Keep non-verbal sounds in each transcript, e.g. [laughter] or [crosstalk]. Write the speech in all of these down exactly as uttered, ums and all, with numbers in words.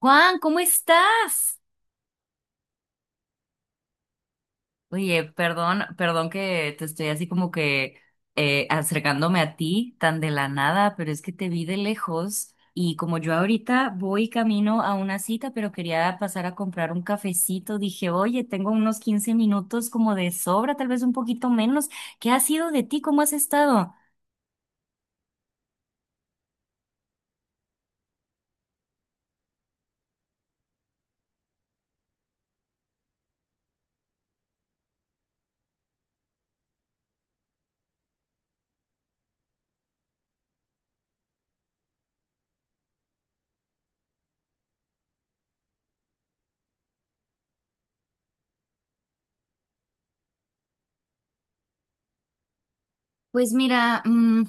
Juan, ¿cómo estás? Oye, perdón, perdón que te estoy así como que eh, acercándome a ti tan de la nada, pero es que te vi de lejos y como yo ahorita voy camino a una cita, pero quería pasar a comprar un cafecito, dije, oye, tengo unos quince minutos como de sobra, tal vez un poquito menos. ¿Qué ha sido de ti? ¿Cómo has estado? Pues mira, mm,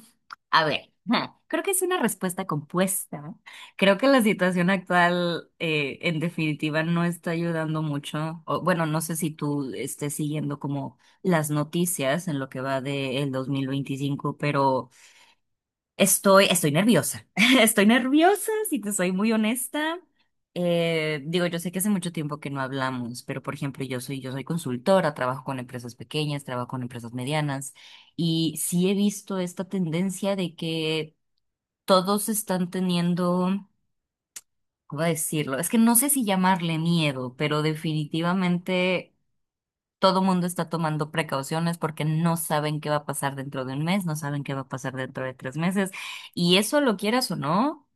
a ver, [laughs] creo que es una respuesta compuesta, ¿no? Creo que la situación actual, eh, en definitiva, no está ayudando mucho. O, bueno, no sé si tú estés siguiendo como las noticias en lo que va del dos mil veinticinco, pero Estoy, estoy nerviosa. [laughs] Estoy nerviosa, si te soy muy honesta. Eh, digo, yo sé que hace mucho tiempo que no hablamos, pero por ejemplo, yo soy, yo soy consultora, trabajo con empresas pequeñas, trabajo con empresas medianas, y sí he visto esta tendencia de que todos están teniendo, ¿cómo decirlo? Es que no sé si llamarle miedo, pero definitivamente todo mundo está tomando precauciones porque no saben qué va a pasar dentro de un mes, no saben qué va a pasar dentro de tres meses. Y eso lo quieras o no,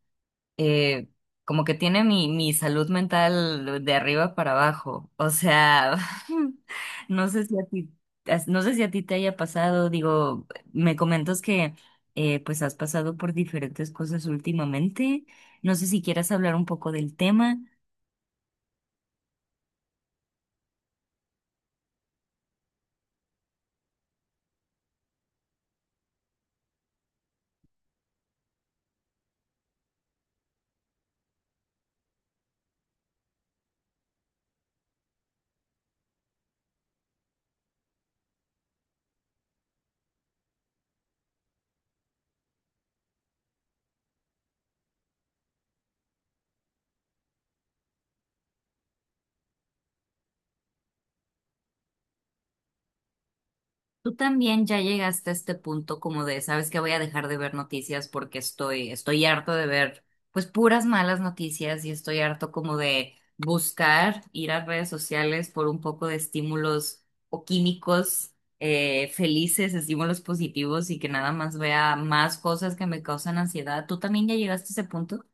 eh, como que tiene mi, mi salud mental de arriba para abajo. O sea, [laughs] no sé si a ti, as- no sé si a ti te haya pasado, digo, me comentas que eh, pues has pasado por diferentes cosas últimamente. No sé si quieras hablar un poco del tema. Tú también ya llegaste a este punto como de, sabes que voy a dejar de ver noticias porque estoy, estoy harto de ver pues puras malas noticias y estoy harto como de buscar ir a redes sociales por un poco de estímulos o químicos eh, felices, estímulos positivos y que nada más vea más cosas que me causan ansiedad. ¿Tú también ya llegaste a ese punto?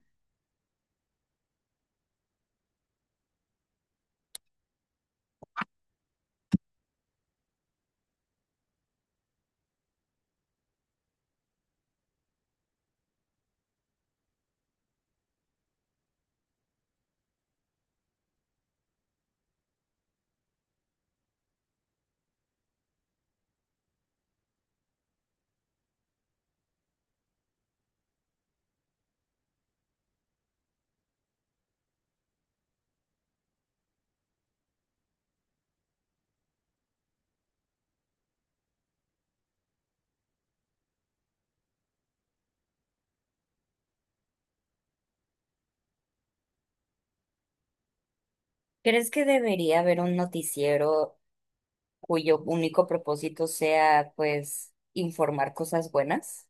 ¿Crees que debería haber un noticiero cuyo único propósito sea, pues, informar cosas buenas?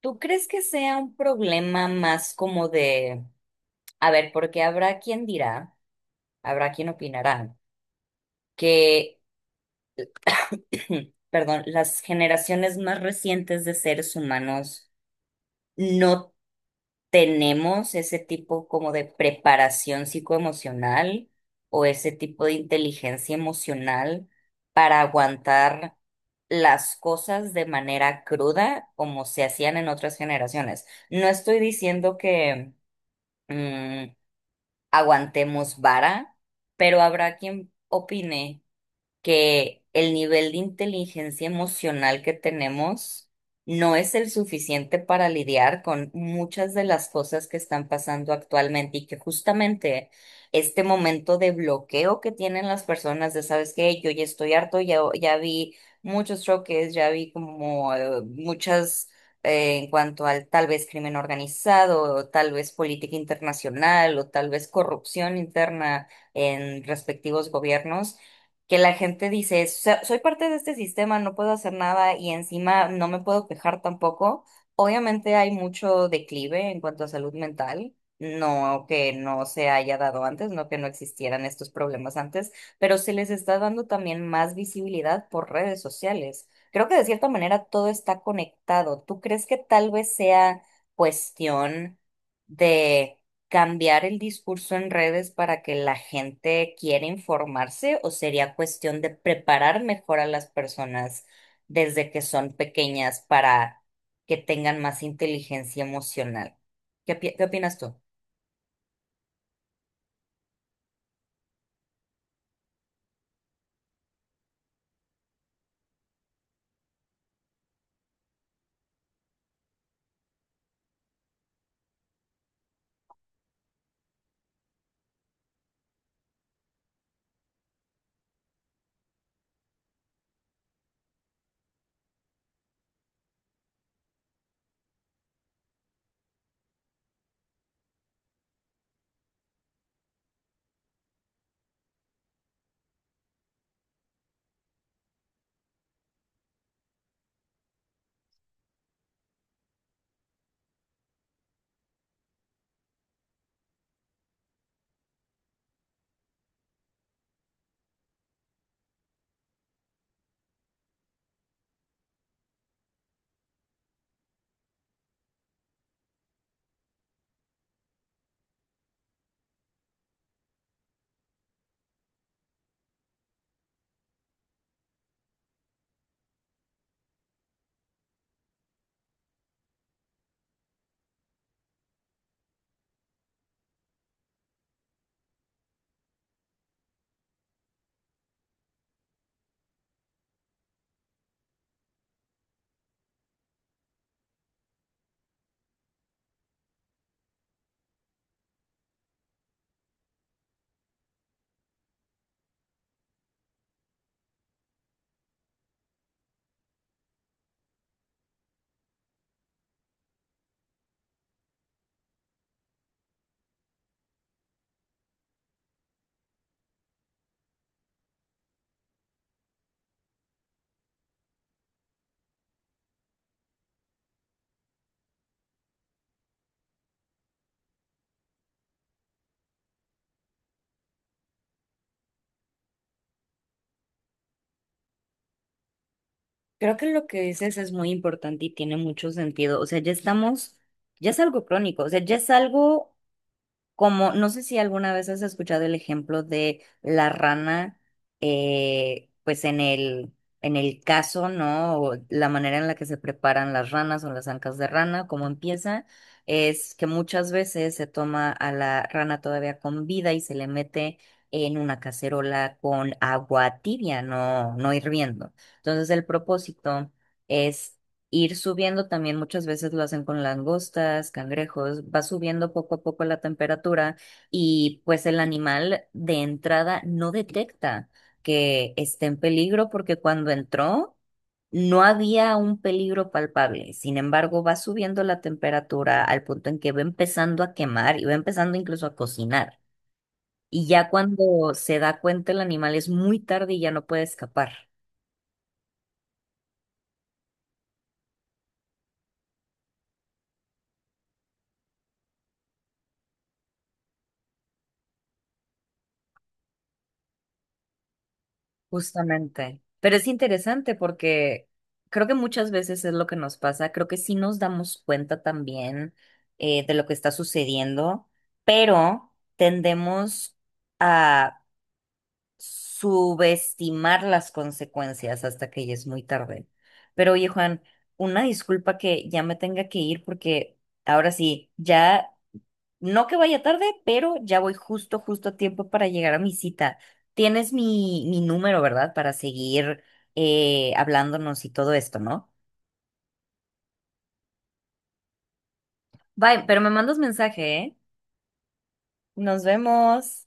¿Tú crees que sea un problema más como de, a ver, porque habrá quien dirá, habrá quien opinará, que, [clears throat] perdón, las generaciones más recientes de seres humanos no tenemos ese tipo como de preparación psicoemocional o ese tipo de inteligencia emocional para aguantar las cosas de manera cruda como se hacían en otras generaciones? No estoy diciendo que mm, aguantemos vara, pero habrá quien opine que el nivel de inteligencia emocional que tenemos no es el suficiente para lidiar con muchas de las cosas que están pasando actualmente y que justamente este momento de bloqueo que tienen las personas de, ¿sabes qué? Yo ya estoy harto, ya, ya vi muchos choques, ya vi como eh, muchas... eh, en cuanto al tal vez crimen organizado, o tal vez política internacional, o tal vez corrupción interna en respectivos gobiernos, que la gente dice, "So- soy parte de este sistema, no puedo hacer nada y encima no me puedo quejar tampoco. Obviamente hay mucho declive en cuanto a salud mental, no que no se haya dado antes, no que no existieran estos problemas antes, pero se les está dando también más visibilidad por redes sociales. Creo que de cierta manera todo está conectado. ¿Tú crees que tal vez sea cuestión de cambiar el discurso en redes para que la gente quiera informarse o sería cuestión de preparar mejor a las personas desde que son pequeñas para que tengan más inteligencia emocional? ¿Qué, opi- qué opinas tú? Creo que lo que dices es muy importante y tiene mucho sentido. O sea, ya estamos, ya es algo crónico, o sea, ya es algo. Como, no sé si alguna vez has escuchado el ejemplo de la rana, eh, pues en el, en el caso, ¿no? O la manera en la que se preparan las ranas o las ancas de rana, cómo empieza, es que muchas veces se toma a la rana todavía con vida y se le mete en una cacerola con agua tibia, no, no hirviendo. Entonces el propósito ir subiendo también muchas veces lo hacen con langostas, cangrejos, va subiendo poco a poco la temperatura y pues el animal de entrada no detecta que esté en peligro porque cuando entró no había un peligro palpable. Sin embargo, va subiendo la temperatura al punto en que va empezando a quemar y va empezando incluso a cocinar. Y ya cuando se da cuenta el animal es muy tarde y ya no puede escapar. Justamente. Pero es interesante porque creo que muchas veces es lo que nos pasa. Creo que sí nos damos cuenta también eh, de lo que está sucediendo, pero tendemos a subestimar las consecuencias hasta que ya es muy tarde. Pero oye, Juan, una disculpa que ya me tenga que ir porque ahora sí, ya no que vaya tarde, pero ya voy justo, justo a tiempo para llegar a mi cita. Tienes mi, mi número, ¿verdad? Para seguir eh, hablándonos y todo esto, ¿no? Bye, pero me mandas mensaje, ¿eh? Nos vemos.